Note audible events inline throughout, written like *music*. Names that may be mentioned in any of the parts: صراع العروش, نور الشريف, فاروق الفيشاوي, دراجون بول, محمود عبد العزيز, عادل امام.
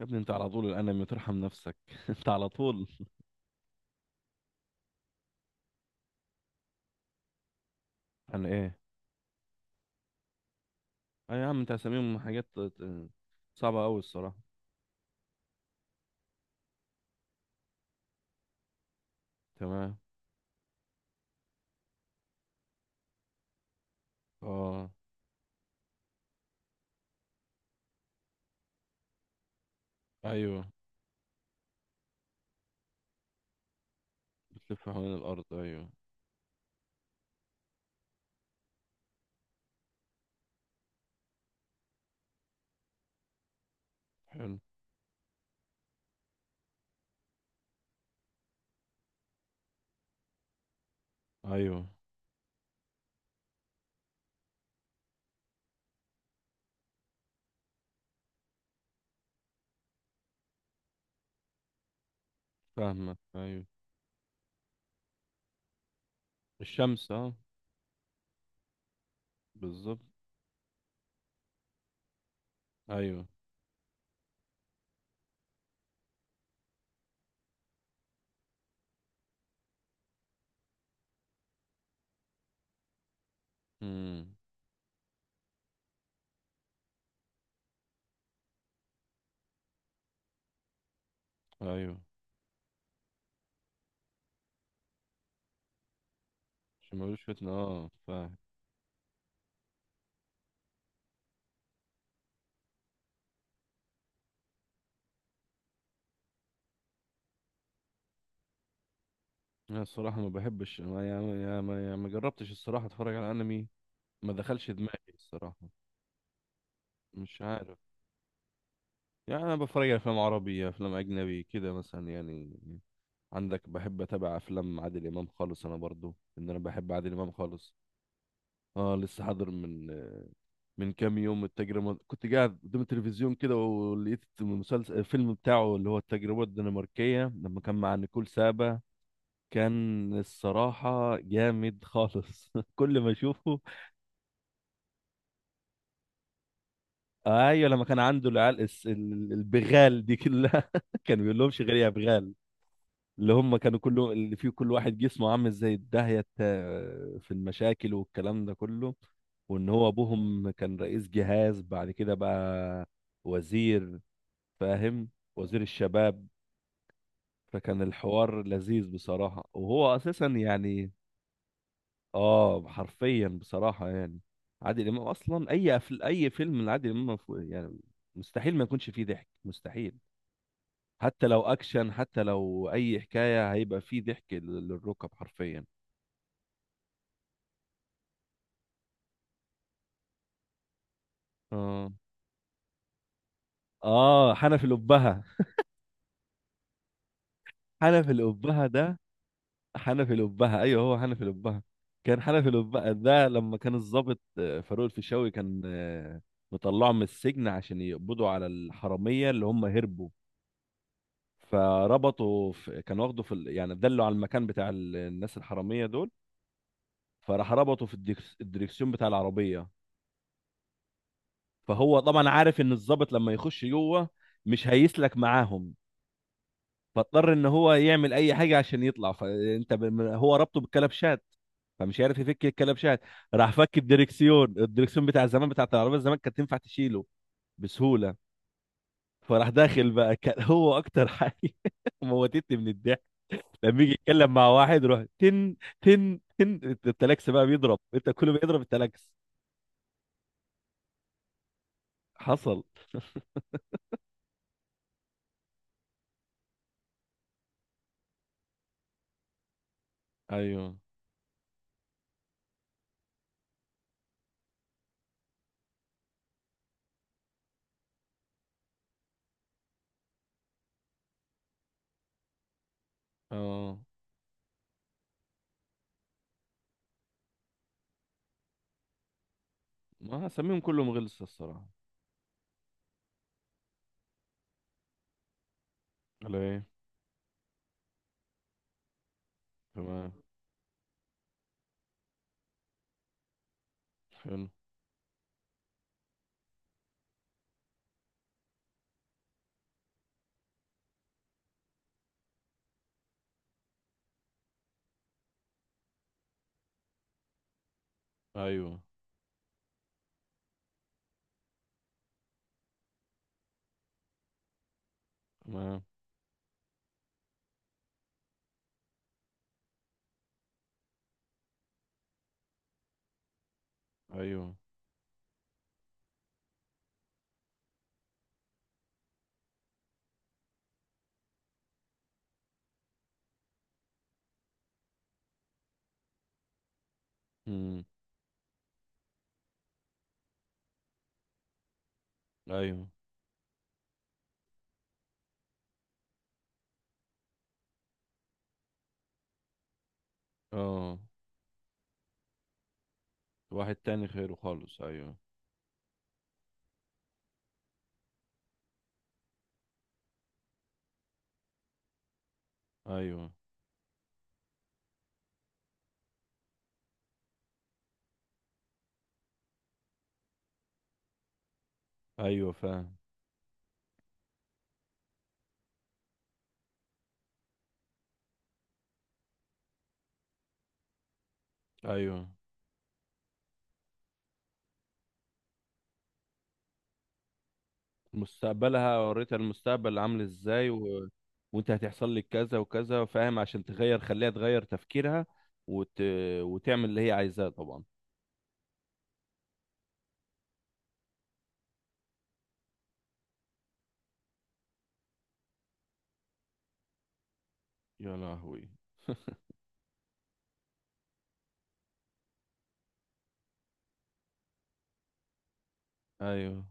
يا ابني انت على طول الانمي، ترحم نفسك. *laughs* انت على طول انا ايه. اي يا عم، انت هسميهم حاجات صعبة قوي الصراحة. تمام. اه. ايوه، بتلف حوالين الارض. ايوه. حلو. ايوه، فاهمك ايوه. الشمس، اه بالظبط. ايوه. امم. ايوه، عشان ما يقولوش فتنة. اه فاهم. انا الصراحة ما بحبش، ما جربتش الصراحة اتفرج على انمي. ما دخلش دماغي الصراحة. مش عارف، يعني انا بتفرج على افلام عربي، افلام اجنبي كده مثلا. يعني عندك، بحب اتابع افلام عادل امام خالص. انا برضو ان انا بحب عادل امام خالص. اه لسه حاضر من كام يوم، التجربه كنت قاعد قدام التلفزيون كده، ولقيت المسلسل الفيلم بتاعه، اللي هو التجربه الدنماركيه لما كان مع نيكول سابا. كان الصراحة جامد خالص. *laughs* كل ما اشوفه آه، ايوه، لما كان عنده العيال البغال دي كلها. *laughs* كان بيقول لهمش غير يا بغال. اللي هم كانوا كله اللي فيه كل واحد جسمه عامل زي الداهية في المشاكل والكلام ده كله. وان هو ابوهم كان رئيس جهاز، بعد كده بقى وزير. فاهم، وزير الشباب. فكان الحوار لذيذ بصراحة، وهو اساسا يعني اه حرفيا بصراحة يعني. عادل امام اصلا اي اي فيلم لعادل امام يعني مستحيل ما يكونش فيه ضحك، مستحيل. حتى لو اكشن، حتى لو اي حكاية، هيبقى فيه ضحك للركب حرفيا. اه اه حنفي الأبهة. حنفي الأبهة ده، حنفي الأبهة أيوه، هو حنفي الأبهة. كان حنفي الأبهة ده لما كان الضابط فاروق الفيشاوي، كان مطلعه من السجن عشان يقبضوا على الحرامية اللي هم هربوا. فربطوا في، كان واخده في يعني دلوا على المكان بتاع الناس الحرامية دول. فراح ربطه في الدريكسيون بتاع العربية. فهو طبعا عارف إن الضابط لما يخش جوه مش هيسلك معاهم. فاضطر ان هو يعمل اي حاجه عشان يطلع. فانت هو ربطه بالكلبشات. فمش عارف يفك الكلبشات. راح فك الدركسيون. الدركسيون بتاع زمان بتاع العربيه زمان كانت تنفع تشيله بسهوله. فراح داخل بقى، كان *laughs* هو اكتر حاجه *laughs* موتتني من الضحك. لما يجي يتكلم مع واحد، يروح تن تن تن. التلاكس بقى بيضرب، انت كله بيضرب التلاكس. حصل. ايوه. اه ما هسميهم كلهم غلسة الصراحة. ولا ايه؟ تمام. حلو. ايوه. تمام. ايوه. مم. ايوه. اه. واحد تاني خيره خالص ايوه. ايوه ايوه فاهم. ايوه، مستقبلها، وريتها المستقبل عامل ازاي و... وانت هتحصل لك كذا وكذا، فاهم؟ عشان تغير، خليها تغير تفكيرها وت... وتعمل اللي هي عايزاه طبعا. يا لهوي. ايوه.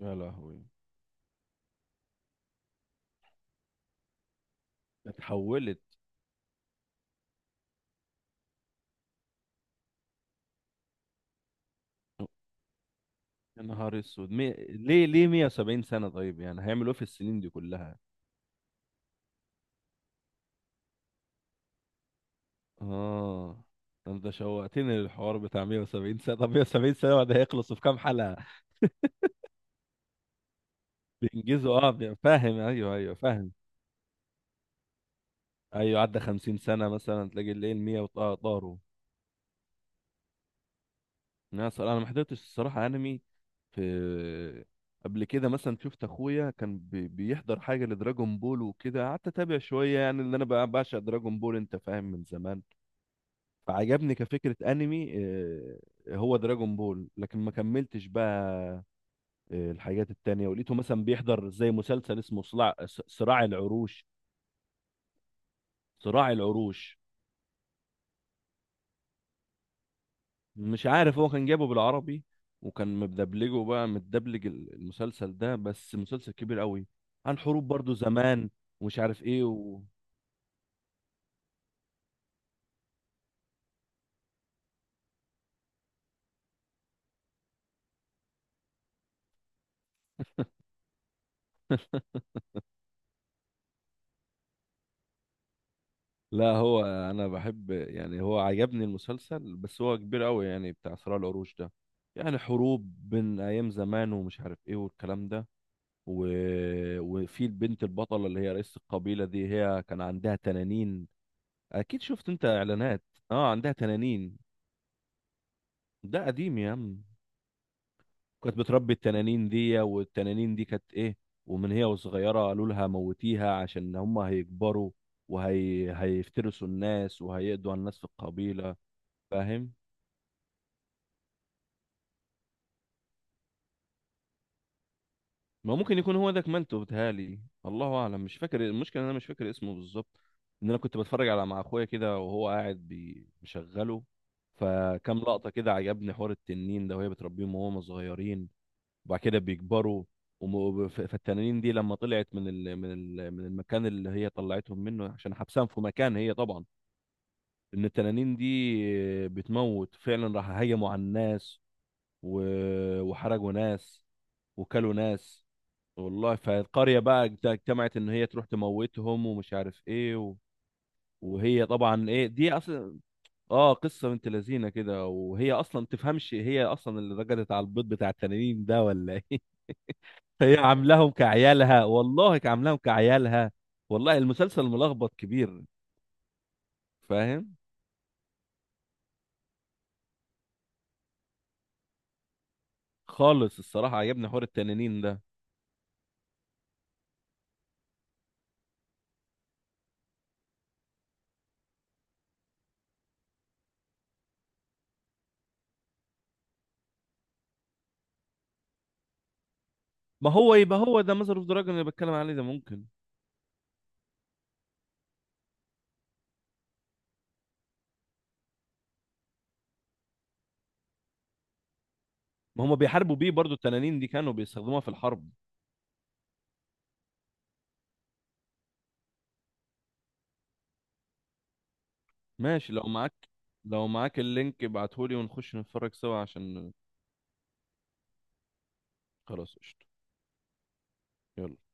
يا لهوي. اتحولت. يا نهار اسود ليه ليه 170 سنة؟ طيب يعني هيعملوا ايه في السنين دي كلها؟ اه انت شوقتني للحوار بتاع 170 سنة. طب 170 سنة بعد هيخلصوا في كام حلقة؟ بينجزوا اه فاهم ايوه ايوه فاهم. ايوه، عدى 50 سنة مثلا تلاقي الليل 100 وطاروا. انا صراحة، انا ما حضرتش الصراحة انمي. في قبل كده مثلا شفت اخويا كان بيحضر حاجة لدراجون بول وكده، قعدت اتابع شوية، يعني ان انا بقى بعشق دراجون بول انت فاهم من زمان. فعجبني كفكرة انمي هو دراجون بول، لكن ما كملتش بقى الحاجات التانية. ولقيته مثلا بيحضر زي مسلسل اسمه صراع، صراع العروش. صراع العروش. مش عارف، هو كان جايبه بالعربي، وكان مدبلجه بقى، متدبلج المسلسل ده. بس مسلسل كبير قوي، عن حروب برضو زمان ومش عارف ايه و... *laughs* لا، هو انا بحب يعني، هو عجبني المسلسل بس هو كبير قوي يعني، بتاع صراع العروش ده. يعني حروب بين ايام زمان ومش عارف ايه والكلام ده و... وفي البنت البطلة، اللي هي رئيس القبيلة دي، هي كان عندها تنانين. أكيد شفت أنت إعلانات. أه عندها تنانين. ده قديم يا عم. كانت بتربي التنانين دي، والتنانين دي كانت إيه، ومن هي وصغيرة قالوا لها موتيها، عشان هما هيكبروا وهي هيفترسوا الناس وهيقضوا على الناس في القبيلة. فاهم. ما ممكن يكون هو ده كمانتو بتهالي. الله اعلم، مش فاكر. المشكله إن انا مش فاكر اسمه بالظبط، ان انا كنت بتفرج على، مع اخويا كده وهو قاعد مشغله. فكام لقطه كده عجبني حوار التنين ده، وهي بتربيهم وهم صغيرين، وبعد كده بيكبروا. فالتنانين دي لما طلعت من المكان اللي هي طلعتهم منه عشان حبسهم في مكان، هي طبعا ان التنانين دي بتموت فعلا، راح هجموا على الناس، و- وحرقوا ناس، وكلوا ناس. والله. فالقرية بقى اجتمعت ان هي تروح تموتهم ومش عارف ايه و... وهي طبعا ايه دي اصلا. اه قصة بنت لذينة كده، وهي اصلا تفهمش، هي اصلا اللي رقدت على البيض بتاع التنانين ده ولا ايه؟ *laughs* هي عاملاهم كعيالها، والله عاملاهم كعيالها. والله المسلسل ملخبط كبير. فاهم. خالص الصراحة عجبني حوار التنانين ده. ما هو يبقى هو ده ماذر اوف دراجون اللي بتكلم عليه ده، ممكن. ما هم بيحاربوا بيه برضو، التنانين دي كانوا بيستخدموها في الحرب. ماشي لو معاك اللينك ابعتهولي ونخش نتفرج سوا عشان. خلاص قشطة. يلا.